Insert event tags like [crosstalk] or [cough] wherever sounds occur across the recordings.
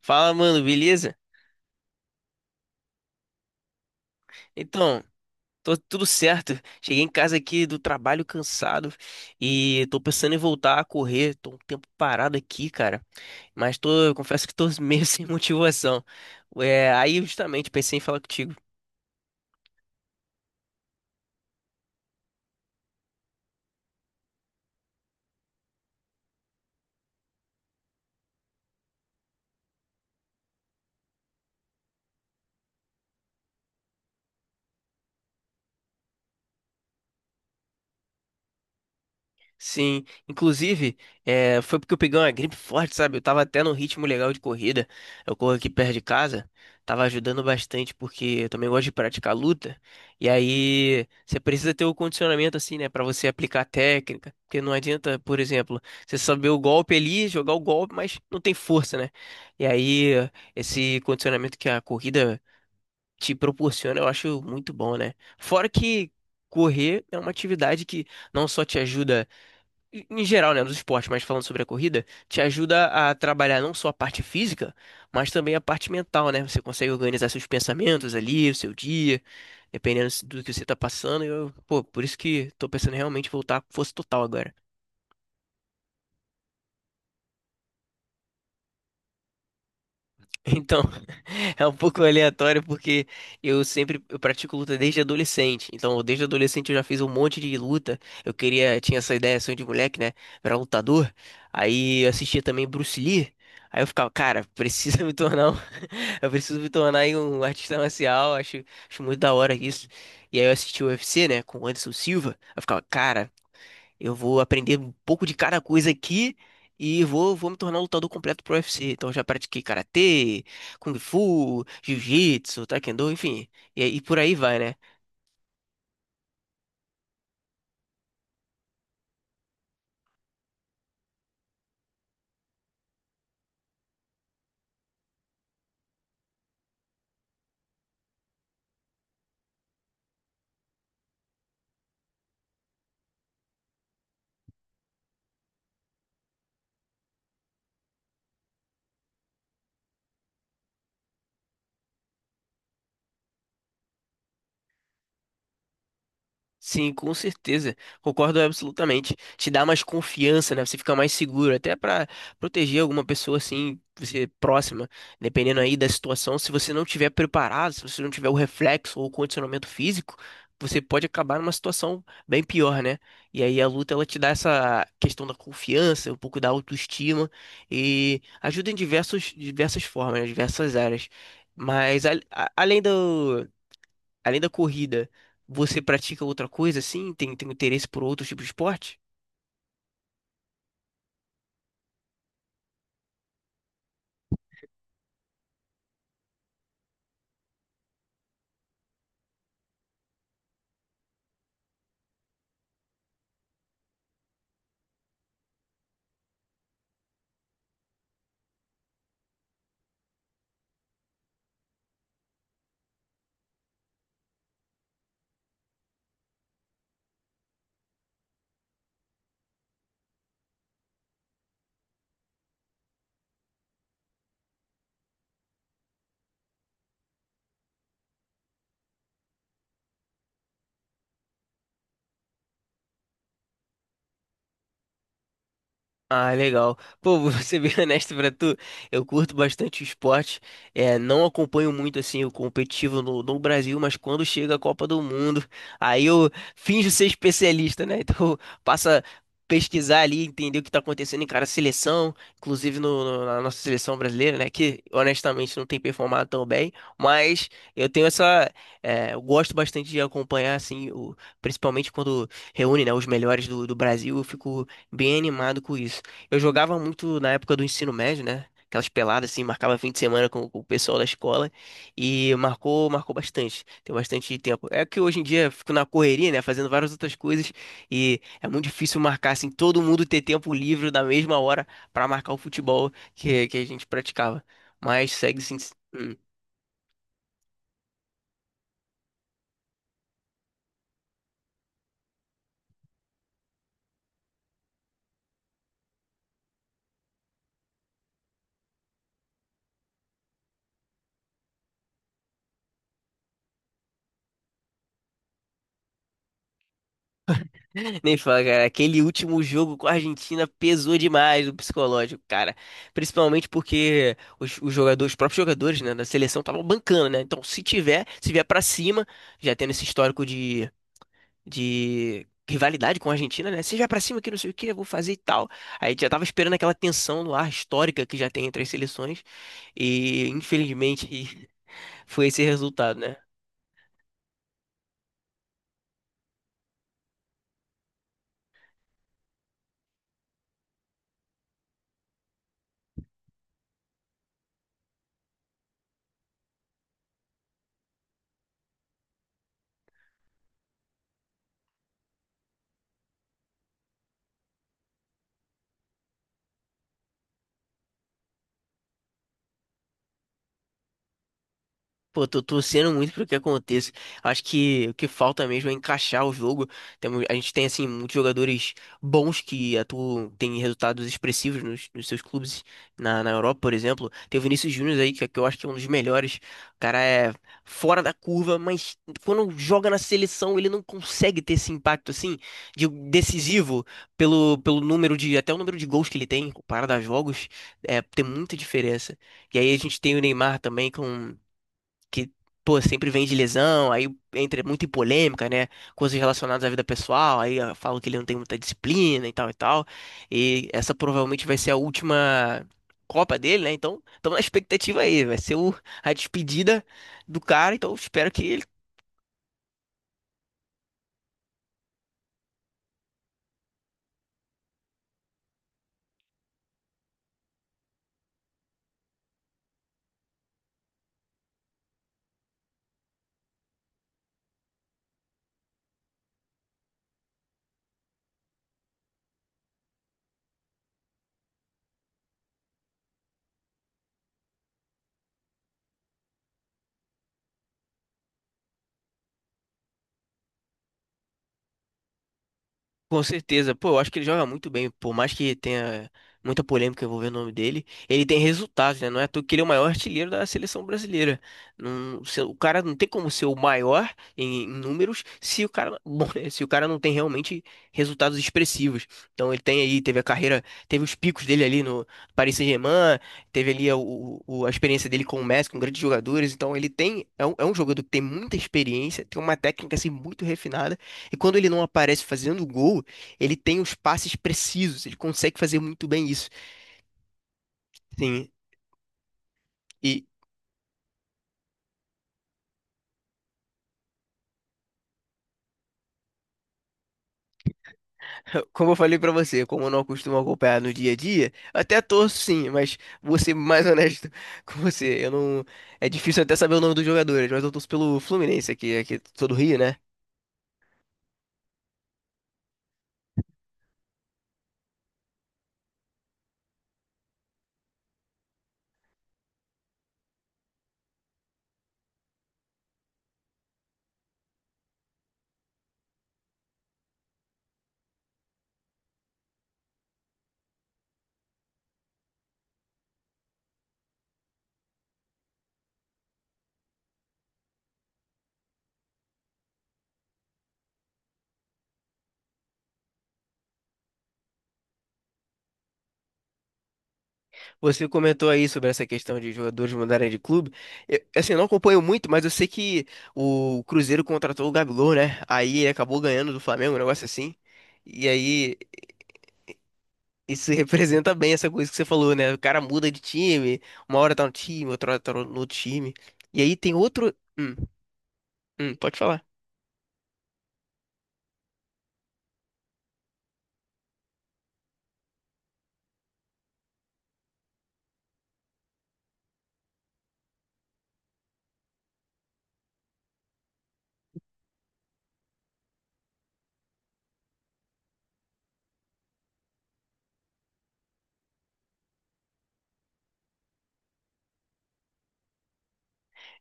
Fala, mano, beleza? Então, tô tudo certo. Cheguei em casa aqui do trabalho cansado e tô pensando em voltar a correr. Tô um tempo parado aqui, cara. Mas tô, eu confesso que tô meio [laughs] sem motivação. É, aí justamente pensei em falar contigo. Sim, inclusive, é, foi porque eu peguei uma gripe forte, sabe? Eu tava até num ritmo legal de corrida. Eu corro aqui perto de casa, tava ajudando bastante porque eu também gosto de praticar luta. E aí, você precisa ter o condicionamento assim, né, pra você aplicar a técnica, porque não adianta, por exemplo, você saber o golpe ali, jogar o golpe, mas não tem força, né? E aí, esse condicionamento que a corrida te proporciona, eu acho muito bom, né? Fora que correr é uma atividade que não só te ajuda em geral, né, nos esportes, mas falando sobre a corrida, te ajuda a trabalhar não só a parte física, mas também a parte mental, né? Você consegue organizar seus pensamentos ali, o seu dia, dependendo do que você tá passando. Eu, pô, por isso que tô pensando em realmente voltar com força total agora. Então, [laughs] é um pouco aleatório porque eu pratico luta desde adolescente. Então, desde adolescente eu já fiz um monte de luta. Eu queria, tinha essa ideia, sonho de moleque, né? Virar lutador. Aí eu assistia também Bruce Lee. Aí eu ficava, cara, [laughs] precisa me tornar um... [laughs] eu preciso me tornar aí um artista marcial, acho, acho muito da hora isso. E aí eu assisti o UFC, né, com o Anderson Silva. Aí eu ficava, cara, eu vou aprender um pouco de cada coisa aqui e vou me tornar um lutador completo pro UFC. Então eu já pratiquei karatê, kung fu, jiu-jitsu, taekwondo, enfim. E, e por aí vai, né? Sim, com certeza. Concordo absolutamente. Te dá mais confiança, né? Você fica mais seguro, até pra proteger alguma pessoa assim, você próxima, dependendo aí da situação. Se você não tiver preparado, se você não tiver o reflexo ou o condicionamento físico, você pode acabar numa situação bem pior, né? E aí a luta ela te dá essa questão da confiança, um pouco da autoestima e ajuda em diversas formas, né? Diversas áreas. Mas Além da corrida, você pratica outra coisa assim? Tem interesse por outros tipos de esporte? Ah, legal. Pô, [laughs] vou ser bem honesto pra tu, eu curto bastante o esporte, é, não acompanho muito assim o competitivo no Brasil, mas quando chega a Copa do Mundo, aí eu finjo ser especialista, né? [laughs] Então passa a pesquisar ali, entender o que tá acontecendo em cada seleção, inclusive na nossa seleção brasileira, né? Que honestamente não tem performado tão bem, mas eu tenho essa, é, eu gosto bastante de acompanhar assim, o- principalmente quando reúne, né, os melhores do Brasil, eu fico bem animado com isso. Eu jogava muito na época do ensino médio, né? Aquelas peladas assim, marcava fim de semana com o pessoal da escola e marcou bastante. Tem bastante tempo. É que hoje em dia eu fico na correria, né, fazendo várias outras coisas e é muito difícil marcar assim todo mundo ter tempo livre na mesma hora pra marcar o futebol que a gente praticava. Mas segue sim. Hum. Nem fala, cara. Aquele último jogo com a Argentina pesou demais o psicológico, cara. Principalmente porque os jogadores, os próprios jogadores, né, da seleção estavam bancando, né? Então, se tiver, se vier pra cima, já tendo esse histórico de rivalidade com a Argentina, né? Se vier pra cima que não sei o que, eu vou fazer e tal. Aí a gente já tava esperando aquela tensão no ar histórica que já tem entre as seleções. E, infelizmente, [laughs] foi esse resultado, né? Pô, tô torcendo muito pro que aconteça. Acho que o que falta mesmo é encaixar o jogo. A gente tem, assim, muitos jogadores bons que atuam, têm resultados expressivos nos seus clubes na Europa, por exemplo. Tem o Vinícius Júnior aí, que eu acho que é um dos melhores. O cara é fora da curva, mas quando joga na seleção, ele não consegue ter esse impacto, assim, decisivo pelo número de, até o número de gols que ele tem, comparado a jogos, é, tem muita diferença. E aí a gente tem o Neymar também que, pô, sempre vem de lesão, aí entra muito em polêmica, né? Coisas relacionadas à vida pessoal, aí ah, falam que ele não tem muita disciplina e tal e tal. E essa provavelmente vai ser a última Copa dele, né? Então, estamos na expectativa aí, a despedida do cara, então espero que ele... Com certeza. Pô, eu acho que ele joga muito bem. Por mais que tenha muita polêmica envolvendo o nome dele, ele tem resultados, né? Não é à toa que ele é o maior artilheiro da seleção brasileira. Não, o cara não tem como ser o maior em números se o cara, [laughs] bom, né, se o cara não tem realmente resultados expressivos. Então ele tem aí, teve a carreira, teve os picos dele ali no Paris Saint-Germain, teve ali a experiência dele com o Messi, com grandes jogadores. Então ele tem, é um jogador que tem muita experiência, tem uma técnica assim muito refinada. E quando ele não aparece fazendo gol, ele tem os passes precisos, ele consegue fazer muito bem isso. Sim, e [laughs] como eu falei pra você, como eu não costumo acompanhar no dia a dia, eu até torço sim, mas vou ser mais honesto [laughs] com você. Eu não, é difícil até saber o nome dos jogadores, mas eu torço pelo Fluminense aqui, aqui sou do Rio, né? Você comentou aí sobre essa questão de jogadores mudarem de clube. Eu, assim, eu não acompanho muito, mas eu sei que o Cruzeiro contratou o Gabigol, né? Aí ele acabou ganhando do Flamengo, um negócio assim. E aí Isso [laughs] representa bem essa coisa que você falou, né? O cara muda de time, uma hora tá no time, outra hora tá no outro time. E aí tem outro. Pode falar.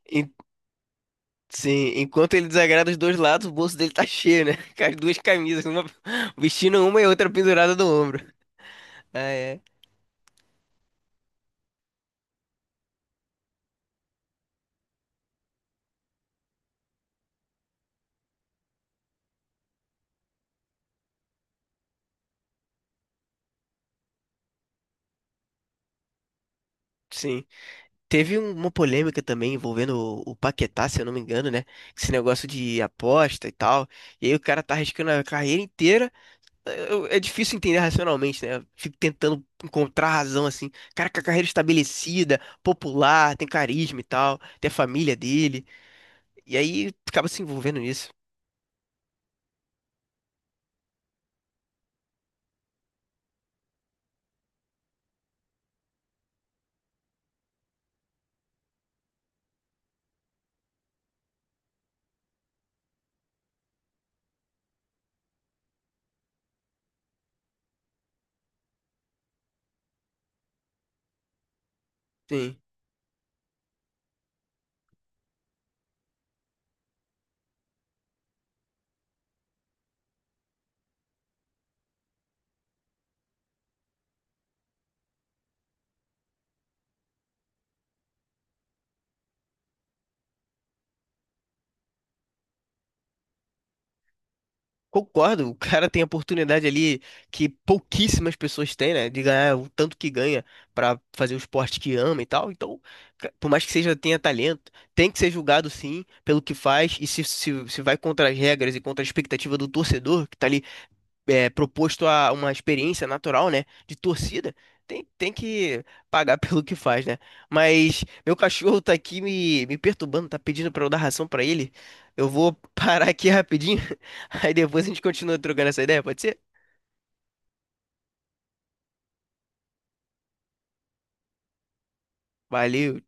En- sim, enquanto ele desagrada os dois lados, o bolso dele tá cheio, né? [laughs] Com as duas camisas, uma [laughs] vestindo uma e outra pendurada no ombro. Ah, é. Sim. Teve uma polêmica também envolvendo o Paquetá, se eu não me engano, né? Esse negócio de aposta e tal. E aí o cara tá arriscando a carreira inteira. É difícil entender racionalmente, né? Eu fico tentando encontrar razão assim. Cara, com a carreira estabelecida, popular, tem carisma e tal, tem a família dele. E aí acaba se envolvendo nisso. Sim. Concordo, o cara tem a oportunidade ali que pouquíssimas pessoas têm, né? De ganhar o tanto que ganha pra fazer o esporte que ama e tal. Então, por mais que seja tenha talento, tem que ser julgado sim pelo que faz. E se vai contra as regras e contra a expectativa do torcedor, que tá ali é, proposto a uma experiência natural, né, de torcida, tem que pagar [laughs] pelo que faz, né? Mas meu cachorro tá aqui me perturbando, tá pedindo pra eu dar ração pra ele. Eu vou [laughs] parar aqui rapidinho, [laughs] aí depois a gente continua trocando essa ideia, pode ser? Valeu.